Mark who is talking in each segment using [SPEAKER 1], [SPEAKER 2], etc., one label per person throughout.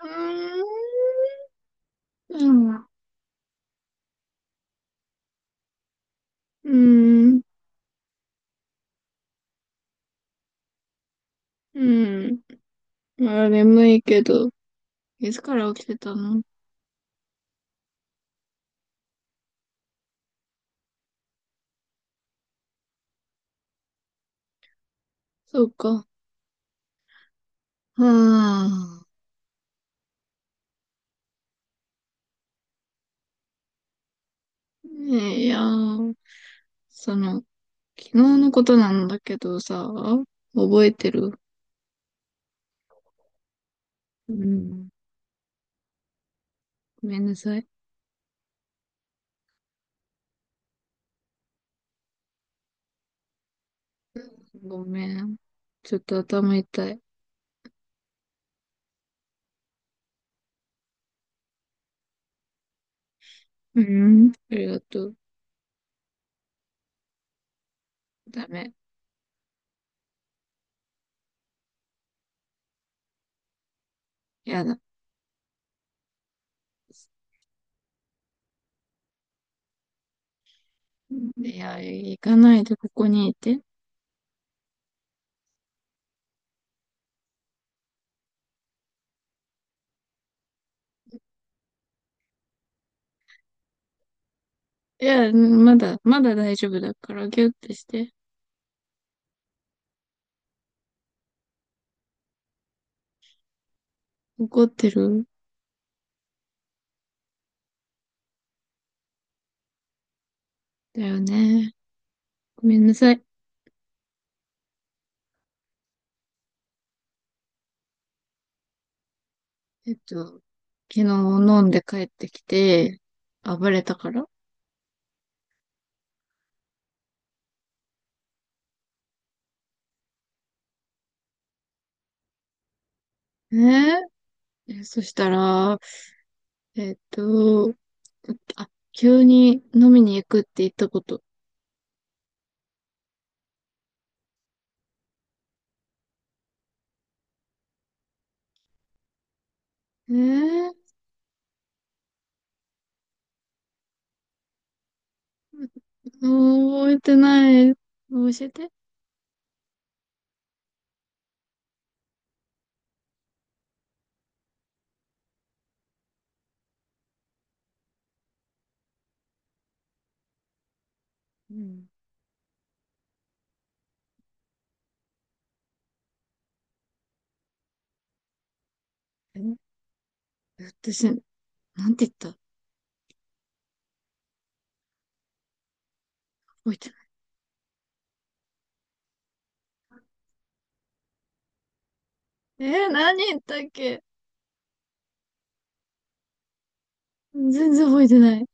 [SPEAKER 1] うーん。うん。うん。うあ、眠いけど、いつから起きてたの？そうか。はあ。ねえ、いやー、その、昨日のことなんだけどさ、覚えてる？うん。ごめんなさい。ごめん。ちょっと頭痛い。うん。ありがとう。ダメ。やだ。いや、行かないでここにいて。いや、まだ大丈夫だから、ギュッてして。怒ってるんだよね？ごめんなさい。昨日飲んで帰ってきて、暴れたから。ね、ええ、そしたら、えっと、あ、急に飲みに行くって言ったこと。ええ、もう覚えてない。教えて。うん。え、私、なんて言った？覚えてない。えー、何言ったっけ？全然覚えてない。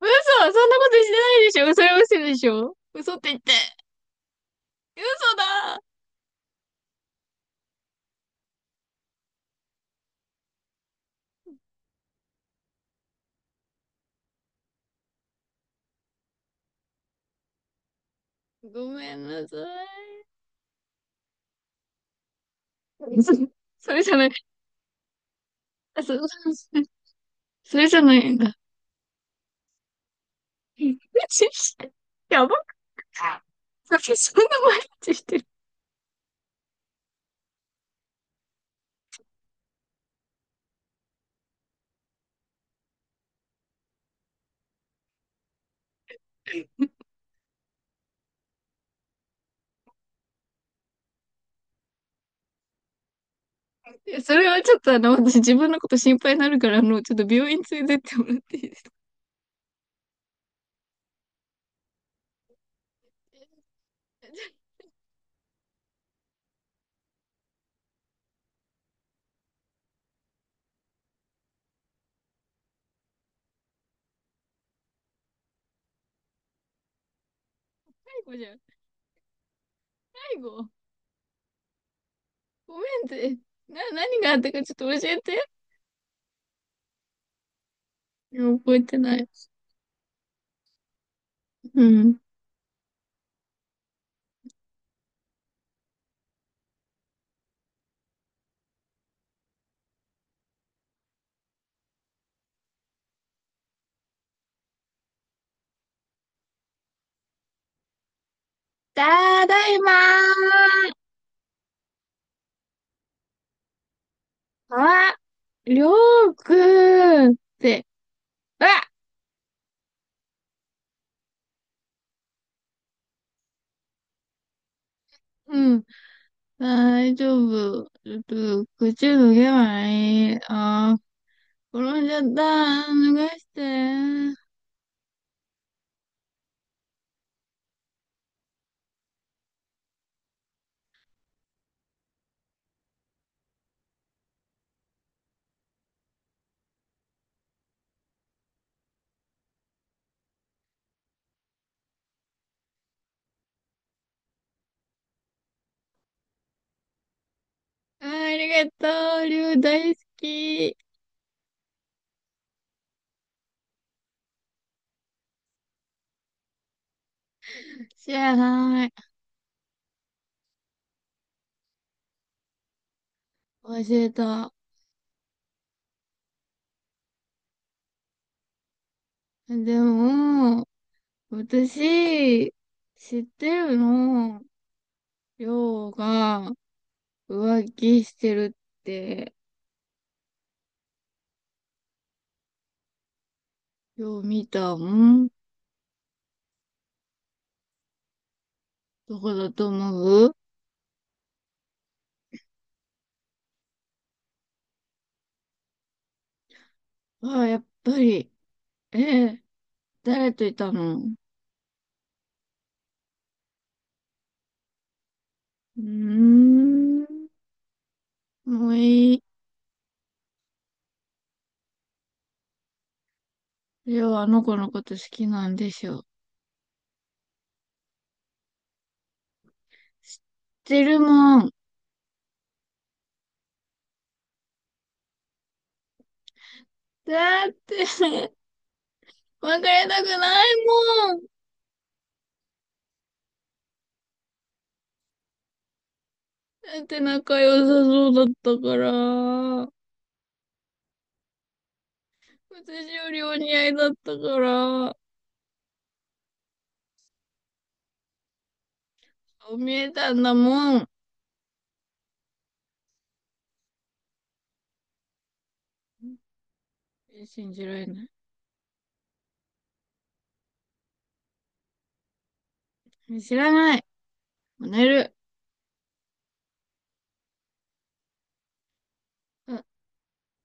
[SPEAKER 1] 嘘。そんなことしてないでしょ。嘘、嘘でしょ。嘘って言って。嘘だ。ごめんなさい。そそれじゃない。あ、それじゃないんだ。やばくない？そんな毎日してる？いや、それはちょっと私自分のこと心配になるから、ちょっと病院連れてってもらっていいですか？最後じゃん。最後ごめんって。何があったかちょっと教えて。いや、覚えてない。うん。ただいまー。あ、りょうくんって。あ、うん。大丈夫。ちょっと、口脱げないい。ああ、転んじゃった。脱がして。あー、ありがとう。りゅう大好き。知らない。忘れた。でも、私、知ってるの。りょうが浮気してるって、よう見たもん。どこだと思う？ああー、やっぱり。ええ、誰といたの？うーん。もういい。りょう、あの子のこと好きなんでしょ？知ってるもん。だって、別れたくないもん。だって仲良さそうだったから。私よりお似合いだったから。そう見えたんだもん。信じられない。知らない。もう寝る。あ、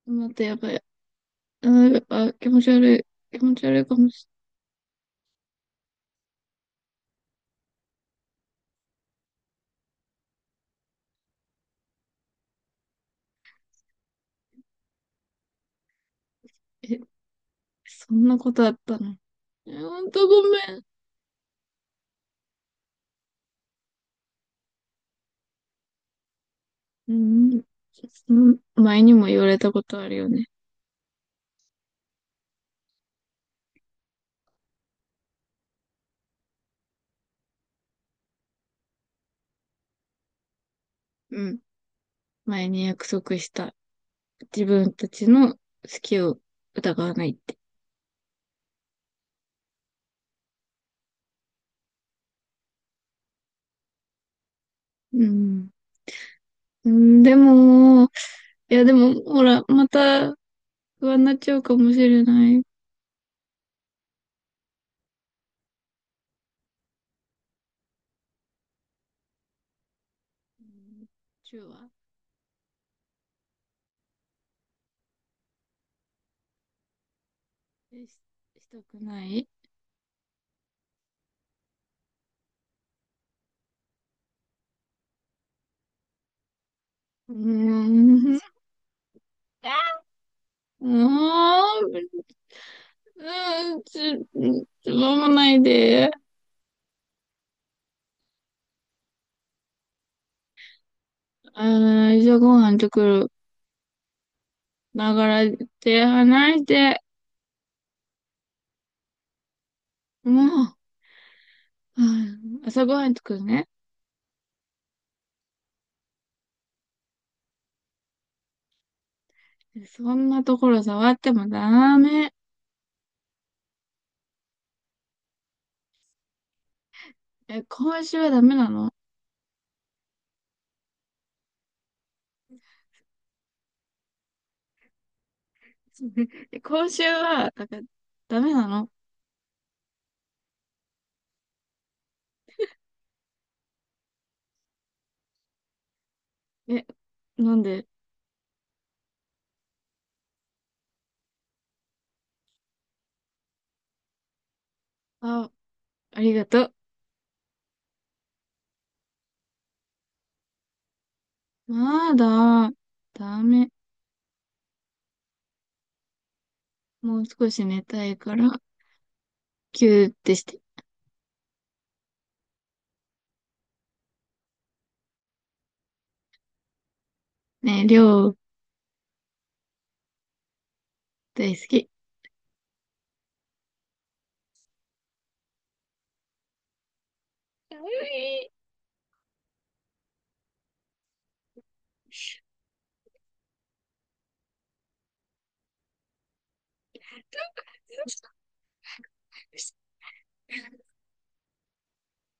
[SPEAKER 1] 待って、やばい。あ、あ、気持ち悪い。気持ち悪いかもしれない。え、そんなことあったの？え、ほんとごめん。うん。うん。前にも言われたことあるよね。うん。前に約束した。自分たちの好きを疑わないって。うん。うん、でも、いやでも、ほら、また不安になっちゃうかもしれない。うん。チューは？え、したくない。うーん。もう、うん、ちょ飲まないで。あー、じゃあご飯作る。ながら手離して。もう、うん、朝ごはん作るね。そんなところ触ってもダメ。え、今週はダメなの？ え、今週は、だからダメなの。え、なんで？あ、ありがとう。まだ、ダメ。もう少し寝たいから、キューってして。ね、量りょう、大好き。かわいい